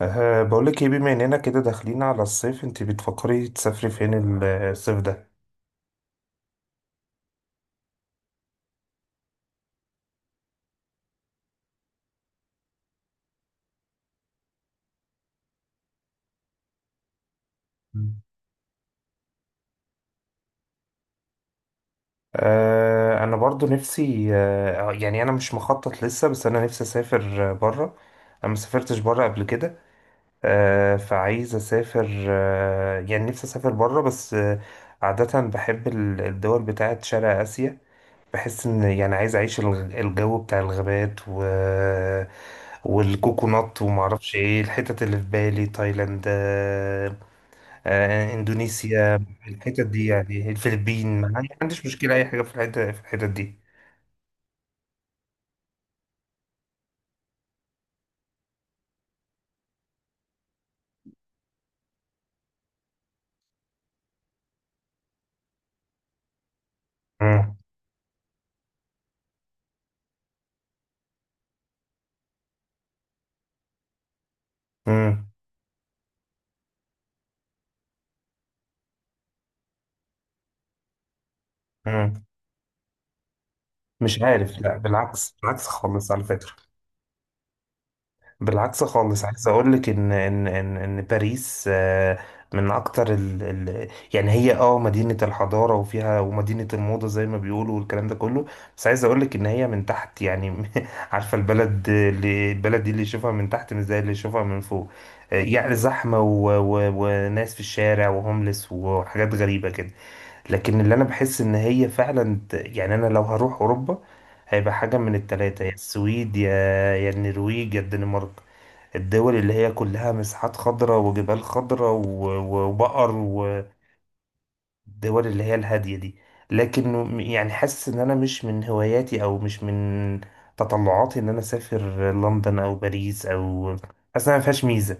بقولك ايه، بما اننا كده داخلين على الصيف انت بتفكري تسافري فين الصيف ده؟ مم. انا برضو نفسي، يعني انا مش مخطط لسه، بس انا نفسي اسافر بره. انا ما سافرتش بره قبل كده. فعايز اسافر، يعني نفسي اسافر بره بس. عادة بحب الدول بتاعت شرق اسيا. بحس ان يعني عايز اعيش الجو بتاع الغابات و والكوكونات، وما اعرفش ايه الحتت اللي في بالي. تايلاند، اندونيسيا، الحتت دي، يعني الفلبين. ما عنديش مشكلة اي حاجة في في الحتت دي. مم. مم. مم. مش عارف، لا بالعكس، بالعكس خالص على فكرة. بالعكس خالص، عايز اقول لك ان باريس من اكتر ال، يعني هي مدينة الحضارة وفيها، ومدينة الموضة زي ما بيقولوا والكلام ده كله. بس عايز اقول لك ان هي من تحت يعني، عارفة البلد، اللي البلد دي اللي يشوفها من تحت مش زي اللي يشوفها من فوق. يعني زحمة، و و وناس في الشارع وهوملس وحاجات غريبة كده. لكن اللي انا بحس ان هي فعلا، يعني انا لو هروح اوروبا هيبقى حاجة من التلاتة، يا السويد، يا يا النرويج، يا الدنمارك، الدول اللي هي كلها مساحات خضراء وجبال خضراء وبقر، والدول اللي هي الهادية دي. لكن يعني حاسس ان انا مش من هواياتي او مش من تطلعاتي ان انا اسافر لندن او باريس او، حاسس انها ما فيهاش ميزة.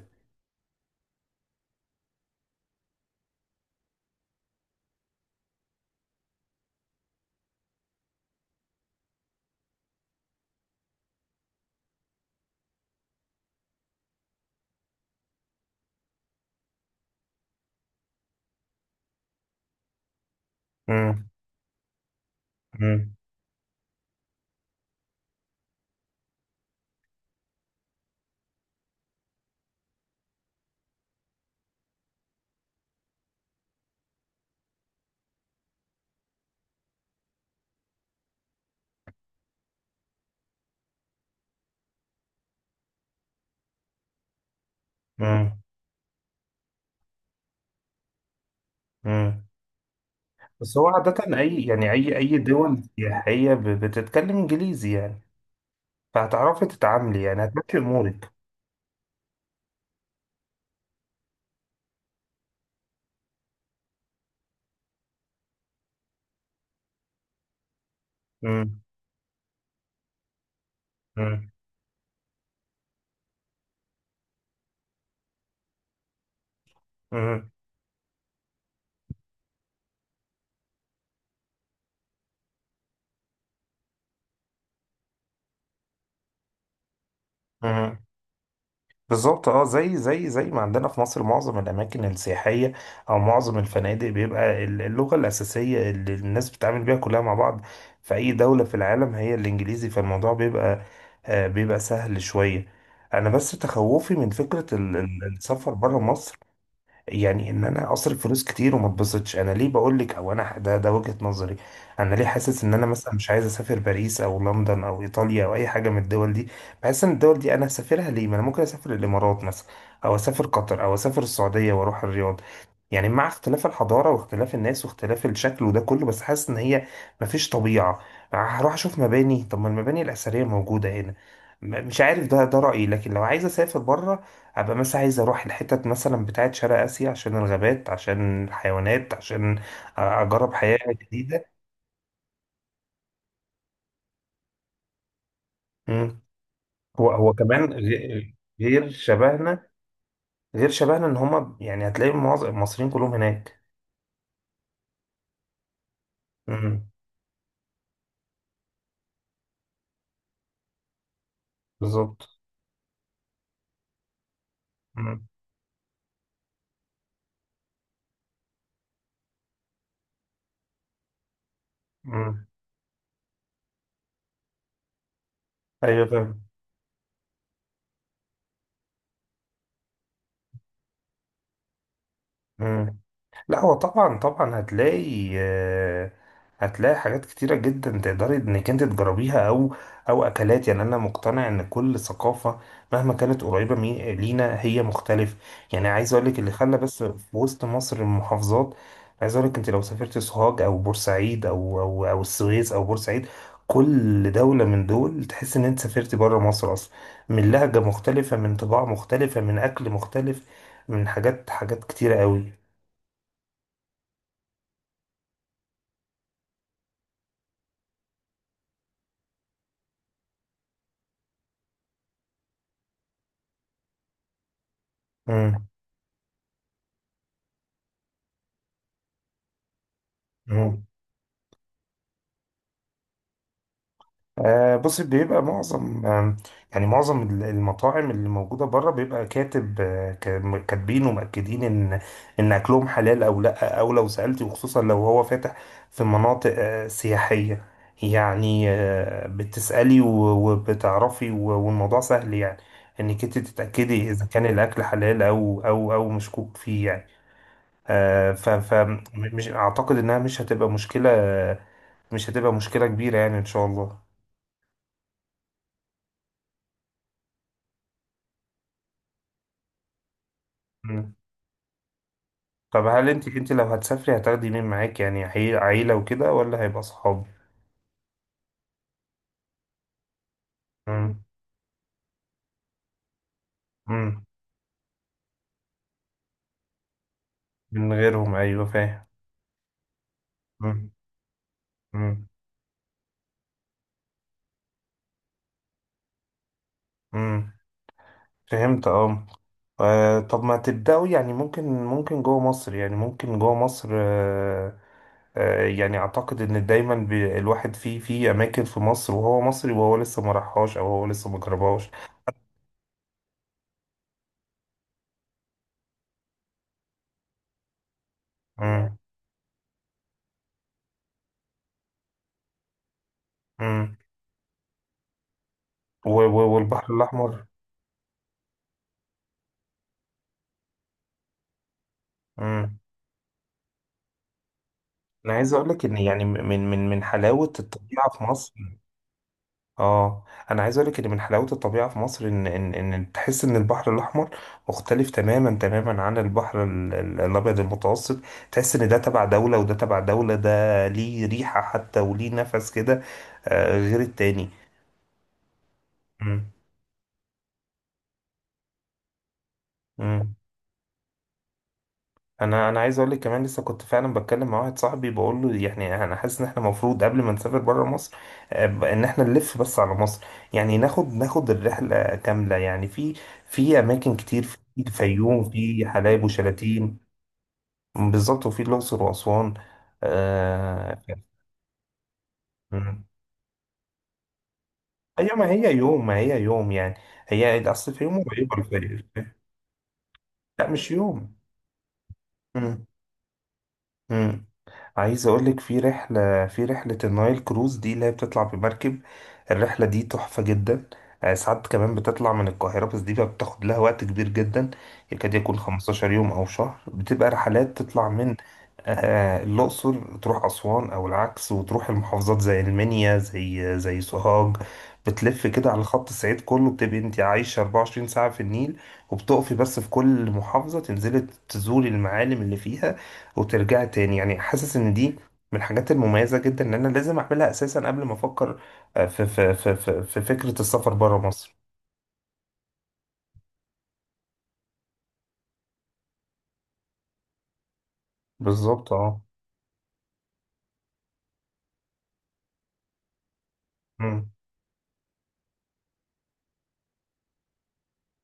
مم. مم. مم. مم. بس هو عادة اي، يعني اي اي دول سياحية بتتكلم انجليزي، يعني فهتعرفي تتعاملي، يعني هتمشي امورك. مم. مم. مم. مم. بالظبط اه زي ما عندنا في مصر، معظم الاماكن السياحيه او معظم الفنادق بيبقى اللغه الاساسيه اللي الناس بتتعامل بيها كلها مع بعض في اي دوله في العالم هي الانجليزي، فالموضوع بيبقى بيبقى سهل شويه. انا بس تخوفي من فكره السفر بره مصر، يعني ان انا اصرف فلوس كتير وما اتبسطش. انا ليه بقول لك؟ او انا، ده وجهة نظري، انا ليه حاسس ان انا مثلا مش عايز اسافر باريس او لندن او ايطاليا او اي حاجه من الدول دي. بحس ان الدول دي انا هسافرها ليه؟ ما انا ممكن اسافر الامارات مثلا، او اسافر قطر، او اسافر السعوديه واروح الرياض، يعني مع اختلاف الحضاره واختلاف الناس واختلاف الشكل وده كله، بس حاسس ان هي مفيش طبيعه. هروح اشوف مباني؟ طب ما المباني الاثريه موجوده هنا. مش عارف، ده رايي، لكن لو عايز اسافر بره، هبقى مثلا عايز اروح الحتت مثلا بتاعت شرق اسيا، عشان الغابات عشان الحيوانات عشان اجرب حياة جديدة. مم. هو هو كمان غير شبهنا، غير شبهنا، ان هما يعني هتلاقي معظم المصريين كلهم هناك. مم. بالظبط. مم. مم. ايوه فاهم. مم. لا هو طبعا طبعا هتلاقي، هتلاقي حاجات كتيرة جدا تقدري انك انت تجربيها، او اكلات. يعني انا مقتنع ان كل ثقافة مهما كانت قريبة، لينا هي مختلف. يعني عايز اقول لك، اللي خلى بس في وسط مصر المحافظات، عايز اقول لك انت لو سافرت سوهاج او بورسعيد او السويس او بورسعيد، كل دولة من دول تحس ان انت سافرت بره مصر اصلا، من لهجة مختلفة، من طباع مختلفة، من اكل مختلف، من حاجات كتيرة قوي. مم. مم. بص، بيبقى معظم، يعني معظم المطاعم اللي موجودة بره بيبقى كاتب، كاتبين ومأكدين إن أكلهم حلال أو لأ، أو لو سألتي، وخصوصا لو هو فاتح في مناطق سياحية، يعني بتسألي وبتعرفي، والموضوع سهل يعني، إنك أنت تتأكدي إذا كان الأكل حلال أو مشكوك فيه يعني. ف ف مش، أعتقد إنها مش هتبقى مشكلة، مش هتبقى مشكلة كبيرة يعني، إن شاء الله. مم. طب هل أنت لو هتسافري هتاخدي مين معاك؟ يعني عيلة وكده ولا هيبقى صحاب؟ مم. مم. من غيرهم، أيوة فاهم. مم. مم. مم. فهمت أه. طب ما تبدأوا، يعني ممكن جوه مصر، يعني ممكن جوه مصر يعني أعتقد إن دايما، الواحد فيه، في أماكن في مصر وهو مصري وهو لسه ما راحهاش أو هو لسه ما جربهاش. مم. مم. والبحر الأحمر. مم. انا عايز اقول لك ان يعني من حلاوه الطبيعه في مصر، اه انا عايز اقول لك ان من حلاوه الطبيعه في مصر، ان تحس ان البحر الاحمر مختلف تماما، تماما عن البحر الابيض المتوسط. تحس ان ده تبع دوله وده تبع دوله، ده ليه ريحه حتى وليه نفس كده، غير التاني. امم. انا عايز اقول لك كمان، لسه كنت فعلا بتكلم مع واحد صاحبي بقول له، يعني انا حاسس ان احنا المفروض قبل ما نسافر بره مصر، ان احنا نلف بس على مصر، يعني ناخد الرحله كامله، يعني في في اماكن كتير، في الفيوم، في حلايب وشلاتين. بالظبط، وفي الاقصر واسوان. آه، مم. ايوه، ما هي يوم، يعني هي اصل الفيوم قريبه، الفيوم. لا مش يوم. مم. مم. عايز اقولك في رحلة، النايل كروز دي اللي هي بتطلع بمركب. الرحلة دي تحفة جدا. ساعات كمان بتطلع من القاهرة، بس دي بقى بتاخد لها وقت كبير جدا، يكاد يكون 15 يوم او شهر. بتبقى رحلات تطلع من الأقصر تروح أسوان أو العكس، وتروح المحافظات زي المنيا زي سوهاج، بتلف كده على خط الصعيد كله، بتبقي انت عايشة 24 ساعة في النيل، وبتقفي بس في كل محافظة تنزلي تزوري المعالم اللي فيها، وترجع تاني. يعني حاسس ان دي من الحاجات المميزة جدا ان انا لازم اعملها اساسا قبل ما افكر في في فكرة السفر برا مصر. بالظبط اه. مم.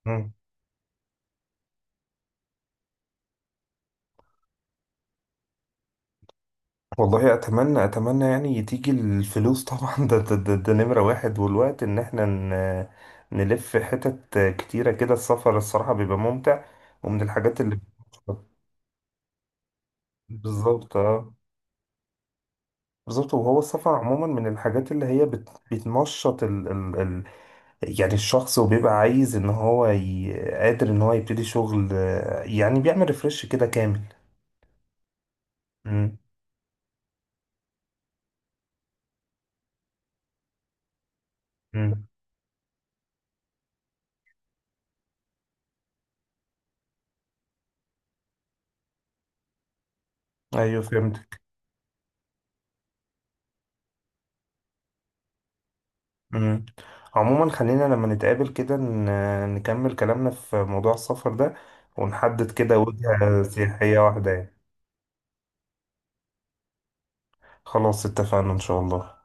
مم. والله اتمنى، يعني تيجي الفلوس طبعا، ده ده نمرة واحد، والوقت ان احنا نلف حتت كتيرة كده. السفر الصراحة بيبقى ممتع، ومن الحاجات اللي بالظبط اه. بالظبط، وهو السفر عموما من الحاجات اللي هي بتنشط ال... يعني الشخص، وبيبقى عايز ان هو قادر ان هو يبتدي شغل، يعني بيعمل ريفرش كده كامل. امم. امم، ايوه فهمتك. امم. عموما، خلينا لما نتقابل كده نكمل كلامنا في موضوع السفر ده، ونحدد كده وجهة سياحية واحدة يعني. خلاص، اتفقنا ان شاء الله.